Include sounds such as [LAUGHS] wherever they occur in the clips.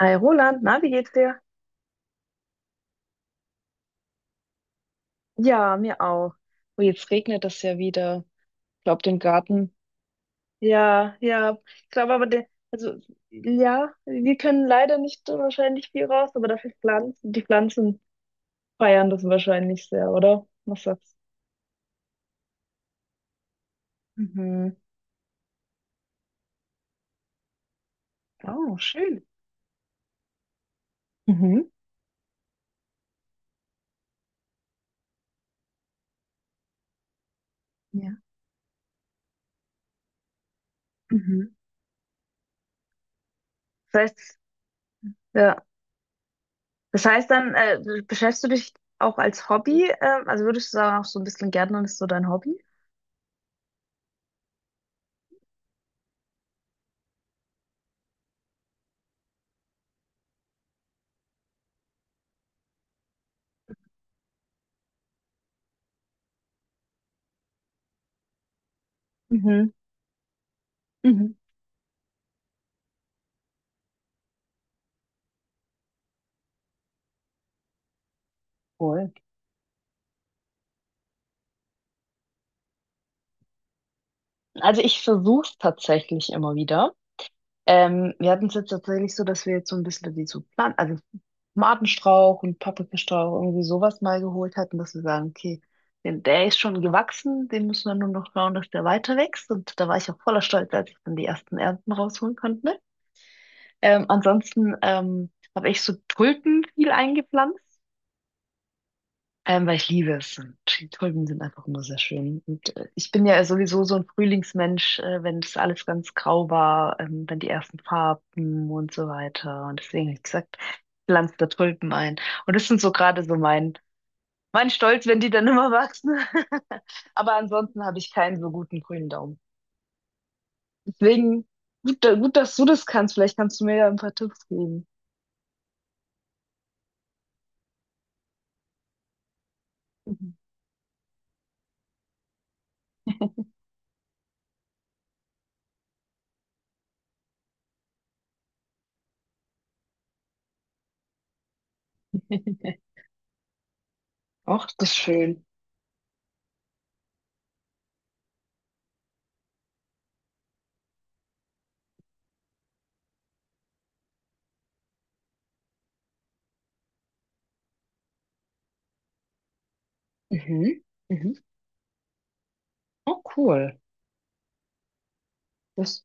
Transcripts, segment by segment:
Hi Roland, na, wie geht's dir? Ja, mir auch. Oh, jetzt regnet es ja wieder. Ich glaube, den Garten. Ja, ja. Ich glaube aber, der, also, ja, wir können leider nicht so wahrscheinlich viel raus, aber dafür Pflanzen. Die Pflanzen feiern das wahrscheinlich sehr, oder? Was sagst Mhm. Oh, schön. Du? Mhm. Ja. Mhm. Das heißt, ja. Das heißt dann, beschäftigst du dich auch als Hobby? Also würdest du sagen, auch so ein bisschen Gärtnern ist so dein Hobby? Mhm. Mhm. Voll. Also ich versuche es tatsächlich immer wieder. Wir hatten es jetzt tatsächlich so, dass wir jetzt so ein bisschen die so pflanzen, also Tomatenstrauch und Paprikastrauch irgendwie sowas mal geholt hatten, dass wir sagen, okay, den, der ist schon gewachsen, den müssen wir nur noch schauen, dass der weiter wächst. Und da war ich auch voller Stolz, als ich dann die ersten Ernten rausholen konnte. Ansonsten habe ich so Tulpen viel eingepflanzt. Weil ich liebe es. Und die Tulpen sind einfach nur sehr schön. Und ich bin ja sowieso so ein Frühlingsmensch, wenn das alles ganz grau war, dann die ersten Farben und so weiter. Und deswegen habe ich gesagt, pflanz da Tulpen ein. Und das sind so gerade so mein Stolz, wenn die dann immer wachsen. [LAUGHS] Aber ansonsten habe ich keinen so guten grünen Daumen. Deswegen gut, dass du das kannst. Vielleicht kannst du mir ja ein paar Tipps geben. Mhm. [LAUGHS] Ach, das ist schön. Mhm. Mhm. Oh, cool. Das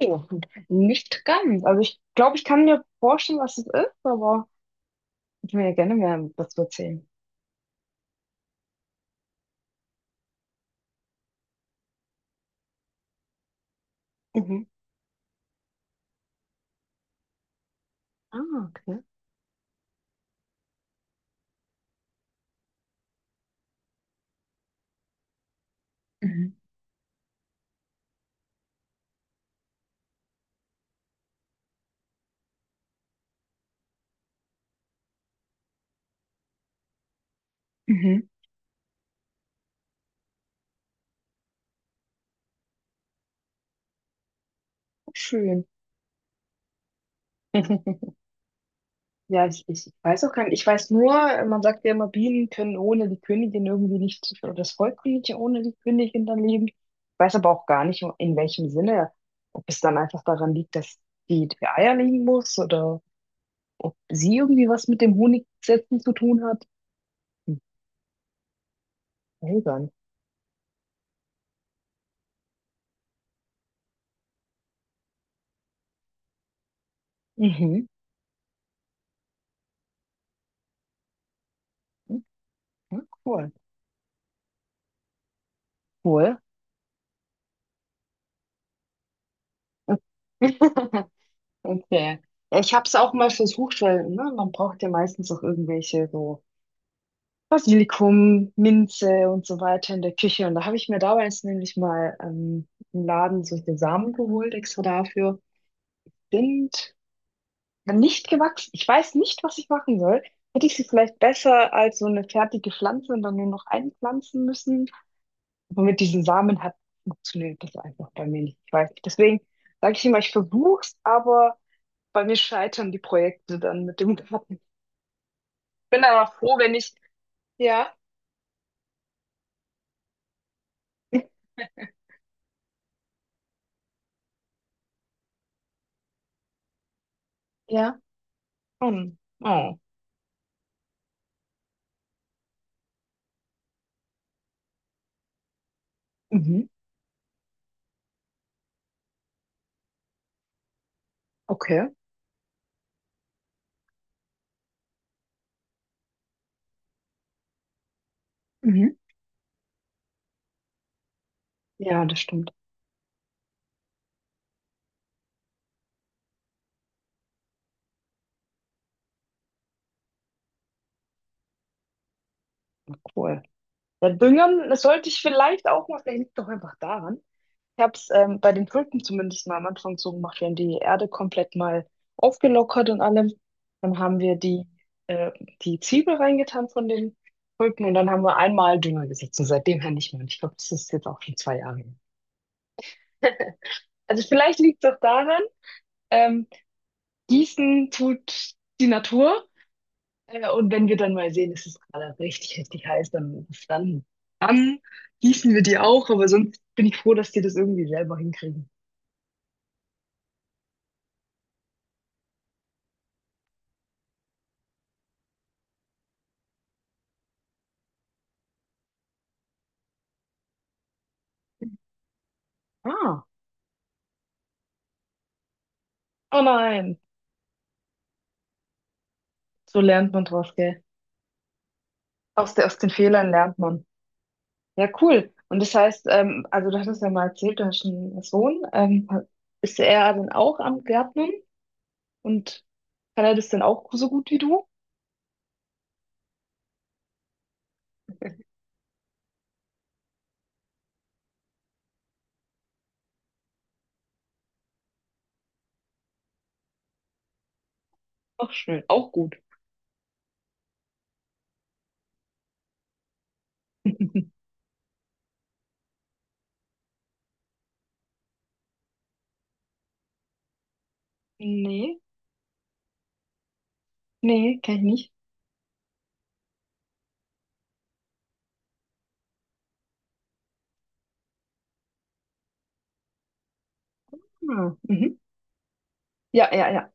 Ja, nicht ganz. Also ich glaube, ich kann mir vorstellen, was es ist, aber ich will ja gerne mehr dazu erzählen. Mhm. Ah, okay. Mhm. Mhm. Schön. [LAUGHS] Ja, ich weiß auch gar nicht. Ich weiß nur, man sagt ja immer, Bienen können ohne die Königin irgendwie nicht, oder das Volk kann nicht ohne die Königin dann leben. Ich weiß aber auch gar nicht, in welchem Sinne. Ob es dann einfach daran liegt, dass die, die Eier legen muss oder ob sie irgendwie was mit dem Honigsetzen zu tun hat. Hm, seltsam. Mhm. Ja, cool, cool. [LAUGHS] Okay. Ja, ich habe es auch mal versucht, weil ne, man braucht ja meistens auch irgendwelche so Basilikum, Minze und so weiter in der Küche. Und da habe ich mir damals nämlich mal im Laden solche Samen geholt, extra dafür. Sind nicht gewachsen. Ich weiß nicht, was ich machen soll. Hätte ich sie vielleicht besser als so eine fertige Pflanze und dann nur noch einpflanzen müssen? Aber mit diesen Samen hat funktioniert das einfach bei mir nicht. Ich weiß nicht. Deswegen sage ich immer, ich versuch's, aber bei mir scheitern die Projekte dann mit dem [LAUGHS] Garten. Ich bin aber froh, wenn ich, ja, [LAUGHS] ja, hm. Oh, mhm. Okay, mhm. Ja, das stimmt. Cool. Ja, düngen das sollte ich vielleicht auch mal, vielleicht liegt doch einfach daran. Ich habe es bei den Tulpen zumindest mal am Anfang so gemacht. Wir haben die Erde komplett mal aufgelockert und allem. Dann haben wir äh, die Zwiebel reingetan von den Tulpen und dann haben wir einmal Dünger gesetzt und seitdem her nicht mehr. Und ich glaube, das ist jetzt auch schon 2 Jahre her. [LAUGHS] Also vielleicht liegt es auch daran, ähm, gießen tut die Natur. Und wenn wir dann mal sehen, es ist gerade richtig, richtig heiß, dann, dann gießen wir die auch. Aber sonst bin ich froh, dass die das irgendwie selber hinkriegen. Ah, oh nein. So lernt man draus, gell? Aus, der, aus den Fehlern lernt man. Ja, cool. Und das heißt, also du hattest ja mal erzählt, du hast einen Sohn. Ist er dann auch am Gärtnern? Und kann er das denn auch so gut wie du? Auch schön, auch gut. [LAUGHS] Nee. Nee, kann ich nicht. Ah, mhm. Ja, ja, ja.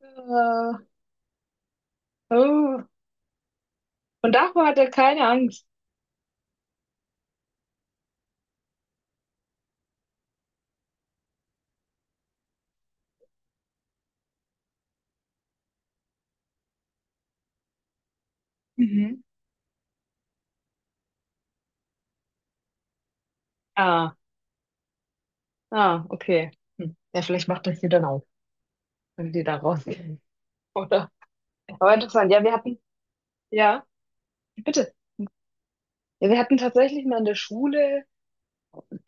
Äh, Oh. Und davor hat er keine Angst. Mhm. Ah, ah, okay. Hm. Ja, vielleicht macht das hier dann auch, wenn die da rausgehen. [LAUGHS] Oder? Aber interessant. Ja, wir hatten. Ja, bitte. Ja, wir hatten tatsächlich mal in der Schule,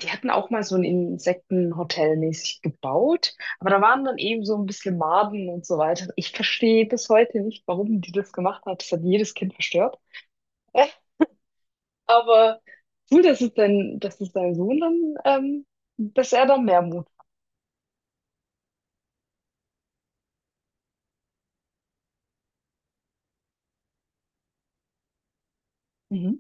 die hatten auch mal so ein Insektenhotel mäßig gebaut, aber da waren dann eben so ein bisschen Maden und so weiter. Ich verstehe bis heute nicht, warum die das gemacht hat. Das hat jedes Kind verstört. Äh, Aber cool, dass es dein Sohn dann, ähm, dass er da mehr Mut. Mhm.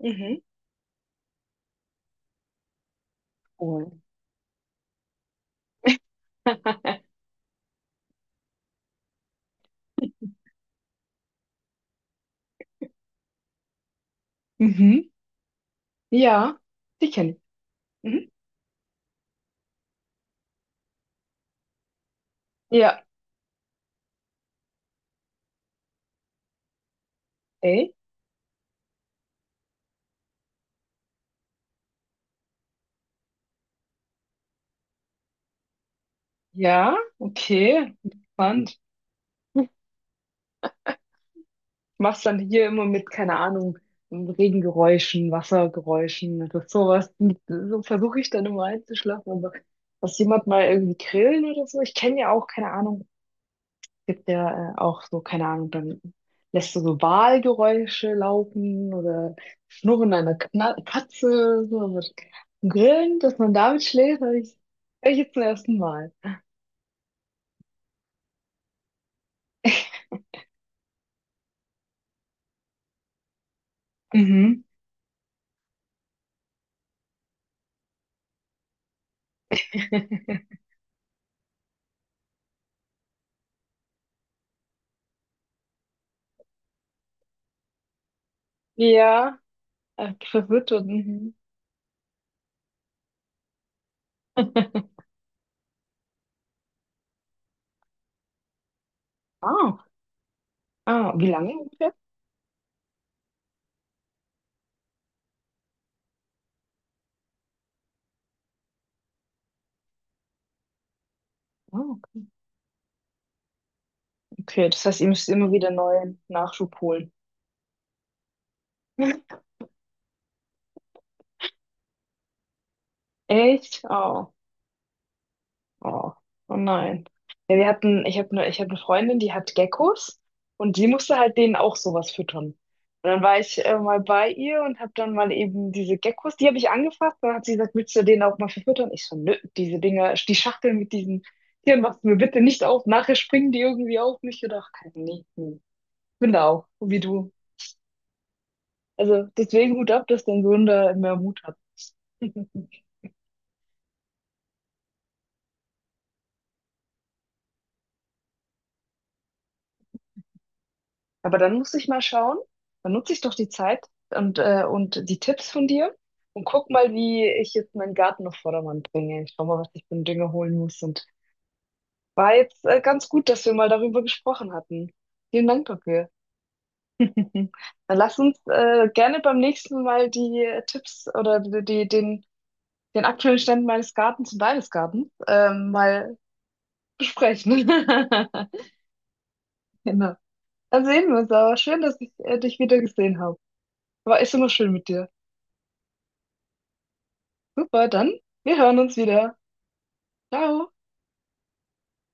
Mhm. Cool. [LAUGHS] Mhm. Ja, die kenne ich. Mhm. Ja. Ey. Ja, okay. Spannend. Machst dann hier immer mit, keine Ahnung, Regengeräuschen, Wassergeräuschen, das ist sowas. So versuche ich dann immer einzuschlafen, aber dass jemand mal irgendwie grillen oder so, ich kenne ja auch, keine Ahnung, es gibt ja auch so, keine Ahnung, dann lässt du so Walgeräusche laufen oder Schnurren einer Kna Katze, so, aber grillen, dass man damit schläft, hör ich jetzt zum ersten Mal. Mhm. [LAUGHS] Ja, verwirrt und mhm. [LAUGHS] Ah, ah, wie lange? Oh, okay, okay, das heißt, ihr müsst immer wieder neuen Nachschub holen. [LAUGHS] Echt? Oh, oh, oh nein. Ja, wir hatten, ich hab eine Freundin, die hat Geckos und die musste halt denen auch sowas füttern. Und dann war ich mal bei ihr und habe dann mal eben diese Geckos, die habe ich angefasst. Dann hat sie gesagt, willst du denen auch mal verfüttern? Ich so, nö, diese Dinger, die Schachteln mit diesen Tieren machst du mir bitte nicht auf. Nachher springen die irgendwie auf mich. Oder? Ach, keine, nee, nee. Ich bin da auch, wie du. Also deswegen Hut ab, dass dein Sohn da mehr Mut hat. [LAUGHS] Aber dann muss ich mal schauen, dann nutze ich doch die Zeit und, und die Tipps von dir und guck mal, wie ich jetzt meinen Garten auf Vordermann bringe. Ich schau mal, was ich für einen Dünger holen muss. Und war jetzt, ganz gut, dass wir mal darüber gesprochen hatten. Vielen Dank dafür. [LAUGHS] Mhm. Dann lass uns, gerne beim nächsten Mal die Tipps oder den aktuellen Stand meines Gartens und deines Gartens, mal besprechen. [LAUGHS] Genau. Dann sehen wir uns aber. Schön, dass ich, dich wieder gesehen habe. War ist immer schön mit dir. Super, dann wir hören uns wieder. Ciao.